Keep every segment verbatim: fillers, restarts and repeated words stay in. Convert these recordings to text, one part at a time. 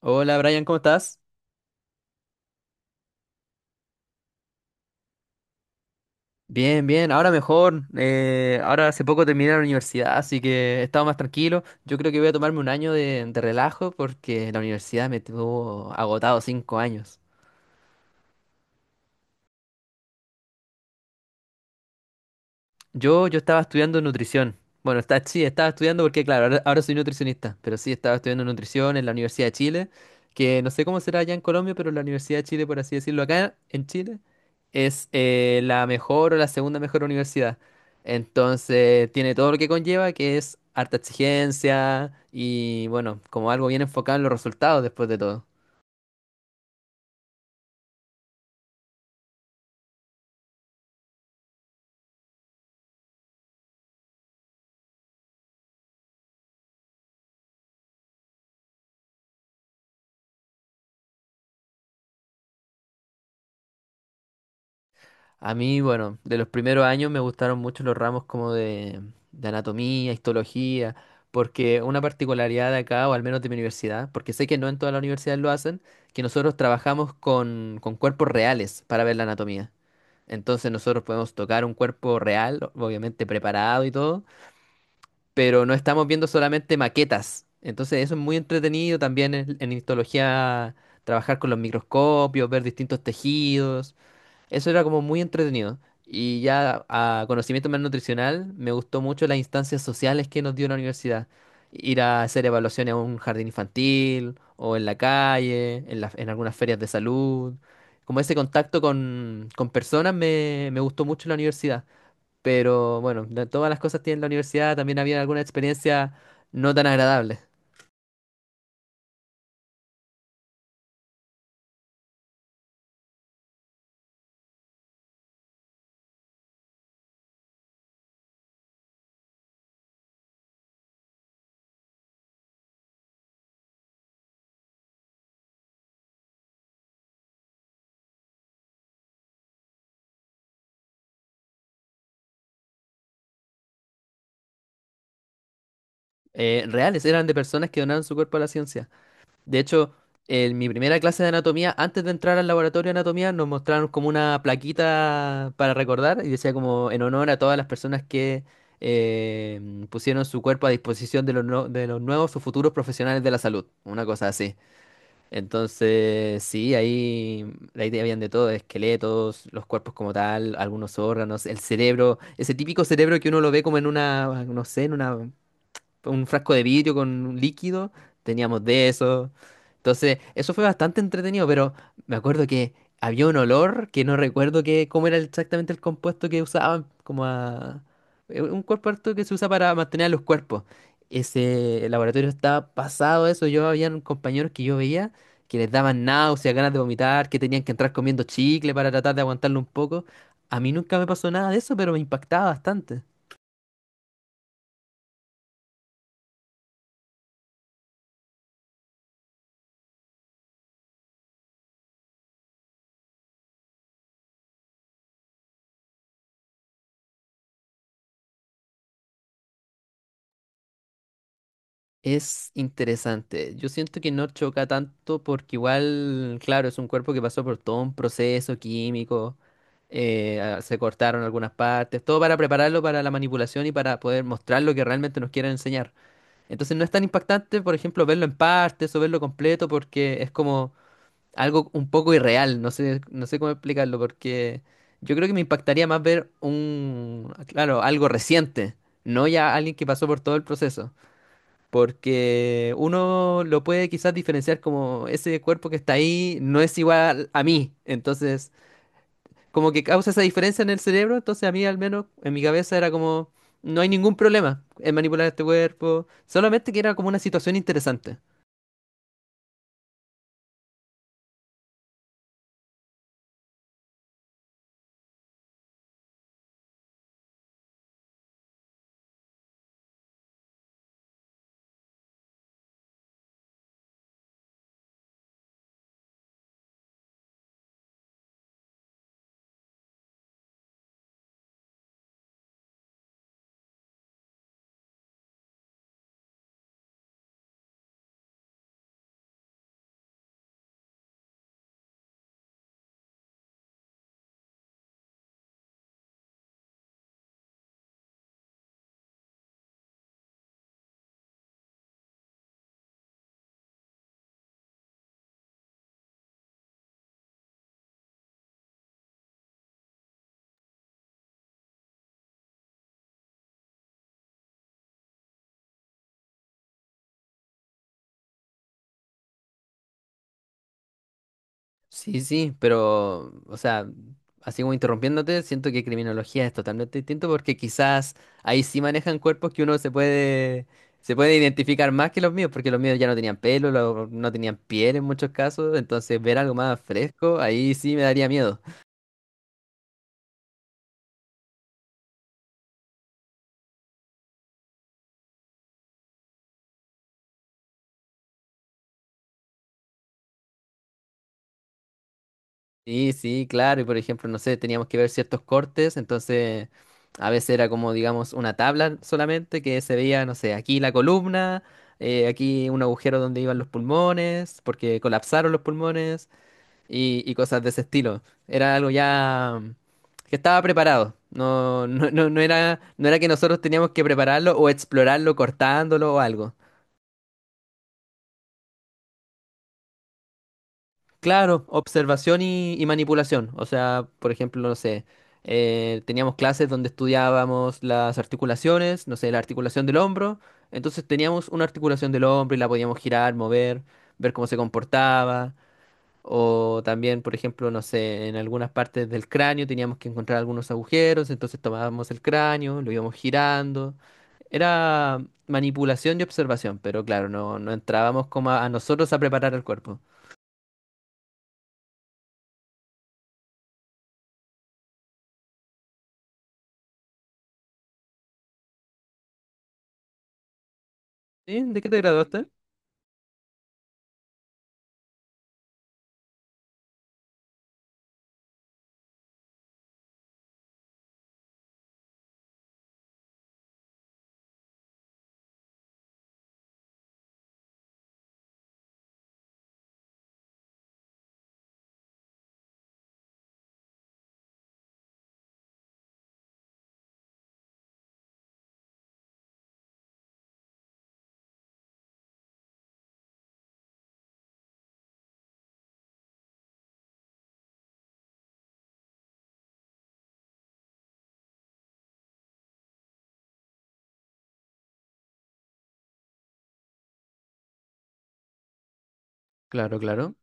Hola Brian, ¿cómo estás? Bien, bien, ahora mejor. Eh, ahora hace poco terminé la universidad, así que he estado más tranquilo. Yo creo que voy a tomarme un año de, de relajo porque la universidad me tuvo agotado cinco años. Yo, yo estaba estudiando nutrición. Bueno, está, sí, estaba estudiando porque, claro, ahora, ahora soy nutricionista, pero sí, estaba estudiando nutrición en la Universidad de Chile, que no sé cómo será allá en Colombia, pero la Universidad de Chile, por así decirlo, acá en Chile, es eh, la mejor o la segunda mejor universidad. Entonces, tiene todo lo que conlleva, que es harta exigencia y, bueno, como algo bien enfocado en los resultados después de todo. A mí, bueno, de los primeros años me gustaron mucho los ramos como de, de anatomía, histología, porque una particularidad de acá, o al menos de mi universidad, porque sé que no en todas las universidades lo hacen, que nosotros trabajamos con, con cuerpos reales para ver la anatomía. Entonces nosotros podemos tocar un cuerpo real, obviamente preparado y todo, pero no estamos viendo solamente maquetas. Entonces eso es muy entretenido también en, en histología, trabajar con los microscopios, ver distintos tejidos. Eso era como muy entretenido. Y ya a conocimiento más nutricional, me gustó mucho las instancias sociales que nos dio la universidad. Ir a hacer evaluaciones a un jardín infantil o en la calle, en, la- en algunas ferias de salud. Como ese contacto con, con personas me, me gustó mucho en la universidad. Pero bueno, de todas las cosas que tiene la universidad, también había algunas experiencias no tan agradables. Eh, reales, eran de personas que donaron su cuerpo a la ciencia. De hecho, en mi primera clase de anatomía, antes de entrar al laboratorio de anatomía, nos mostraron como una plaquita para recordar y decía como en honor a todas las personas que eh, pusieron su cuerpo a disposición de los, no- de los nuevos o futuros profesionales de la salud, una cosa así. Entonces, sí, ahí, ahí te habían de todo, esqueletos, los cuerpos como tal, algunos órganos, el cerebro, ese típico cerebro que uno lo ve como en una, no sé, en una un frasco de vidrio con un líquido, teníamos de eso. Entonces, eso fue bastante entretenido, pero me acuerdo que había un olor que no recuerdo que, cómo era exactamente el compuesto que usaban, como a... eh, Un compuesto que se usa para mantener a los cuerpos. Ese laboratorio estaba pasado eso. Yo había compañeros que yo veía que les daban náuseas, ganas de vomitar, que tenían que entrar comiendo chicle para tratar de aguantarlo un poco. A mí nunca me pasó nada de eso, pero me impactaba bastante. Es interesante. Yo siento que no choca tanto porque igual, claro, es un cuerpo que pasó por todo un proceso químico, eh, ah, se cortaron algunas partes, todo para prepararlo para la manipulación y para poder mostrar lo que realmente nos quieren enseñar. Entonces no es tan impactante, por ejemplo, verlo en partes o verlo completo porque es como algo un poco irreal. No sé, no sé cómo explicarlo porque yo creo que me impactaría más ver un, claro, algo reciente, no ya alguien que pasó por todo el proceso. Porque uno lo puede quizás diferenciar como ese cuerpo que está ahí no es igual a mí. Entonces, como que causa esa diferencia en el cerebro. Entonces, a mí al menos en mi cabeza era como, no hay ningún problema en manipular este cuerpo. Solamente que era como una situación interesante. Sí, sí, pero, o sea, así como interrumpiéndote, siento que criminología es totalmente distinto porque quizás ahí sí manejan cuerpos que uno se puede, se puede identificar más que los míos, porque los míos ya no tenían pelo, lo- no tenían piel en muchos casos, entonces ver algo más fresco, ahí sí me daría miedo. Sí, sí, claro. Y por ejemplo, no sé, teníamos que ver ciertos cortes, entonces a veces era como, digamos, una tabla solamente que se veía, no sé, aquí la columna, eh, aquí un agujero donde iban los pulmones, porque colapsaron los pulmones y, y cosas de ese estilo. Era algo ya mm, que estaba preparado. No, no, no, no era, no era que nosotros teníamos que prepararlo o explorarlo cortándolo o algo. Claro, observación y, y manipulación. O sea, por ejemplo, no sé, eh, teníamos clases donde estudiábamos las articulaciones, no sé, la articulación del hombro. Entonces teníamos una articulación del hombro y la podíamos girar, mover, ver cómo se comportaba. O también, por ejemplo, no sé, en algunas partes del cráneo teníamos que encontrar algunos agujeros, entonces tomábamos el cráneo, lo íbamos girando. Era manipulación y observación, pero claro, no, no entrábamos como a a nosotros a preparar el cuerpo. ¿Sí? ¿De qué te graduaste? Claro, claro.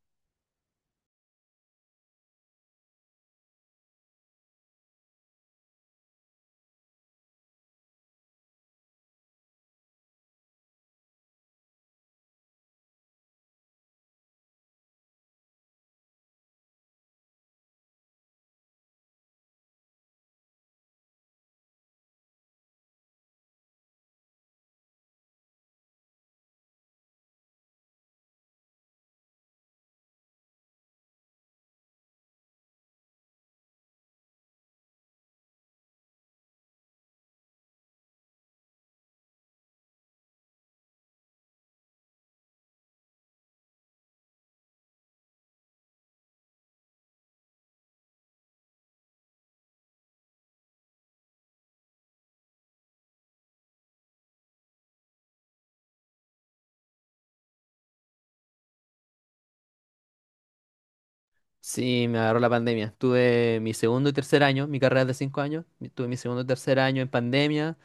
Sí, me agarró la pandemia. Tuve mi segundo y tercer año, mi carrera es de cinco años, mi- tuve mi segundo y tercer año en pandemia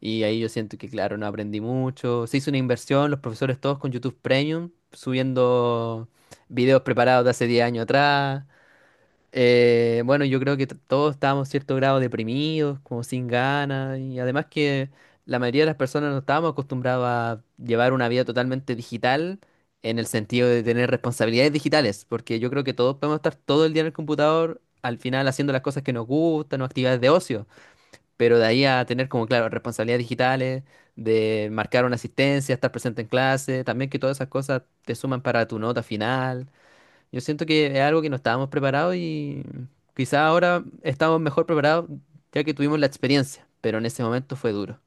y ahí yo siento que, claro, no aprendí mucho. Se hizo una inversión, los profesores todos con YouTube Premium, subiendo videos preparados de hace diez años atrás. Eh, bueno, yo creo que t- todos estábamos cierto grado deprimidos, como sin ganas, y además que la mayoría de las personas no estábamos acostumbrados a llevar una vida totalmente digital en el sentido de tener responsabilidades digitales, porque yo creo que todos podemos estar todo el día en el computador, al final haciendo las cosas que nos gustan o actividades de ocio, pero de ahí a tener como, claro, responsabilidades digitales, de marcar una asistencia, estar presente en clase, también que todas esas cosas te suman para tu nota final. Yo siento que es algo que no estábamos preparados y quizá ahora estamos mejor preparados ya que tuvimos la experiencia, pero en ese momento fue duro.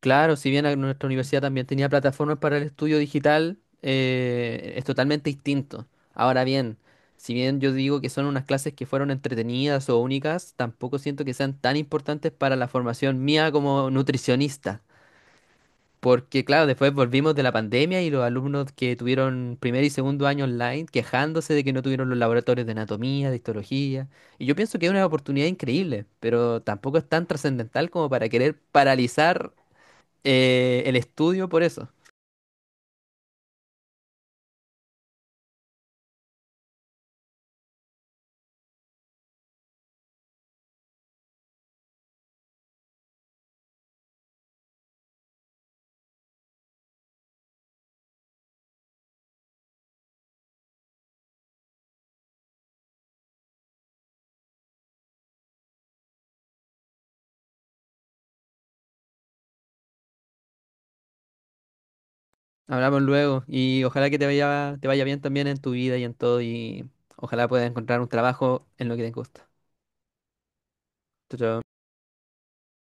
Claro, si bien a- nuestra universidad también tenía plataformas para el estudio digital, eh, es totalmente distinto. Ahora bien, si bien yo digo que son unas clases que fueron entretenidas o únicas, tampoco siento que sean tan importantes para la formación mía como nutricionista. Porque, claro, después volvimos de la pandemia y los alumnos que tuvieron primer y segundo año online quejándose de que no tuvieron los laboratorios de anatomía, de histología. Y yo pienso que es una oportunidad increíble, pero tampoco es tan trascendental como para querer paralizar eh, el estudio por eso. Hablamos luego y ojalá que te vaya, te vaya bien también en tu vida y en todo y ojalá puedas encontrar un trabajo en lo que te gusta. Chao, chao.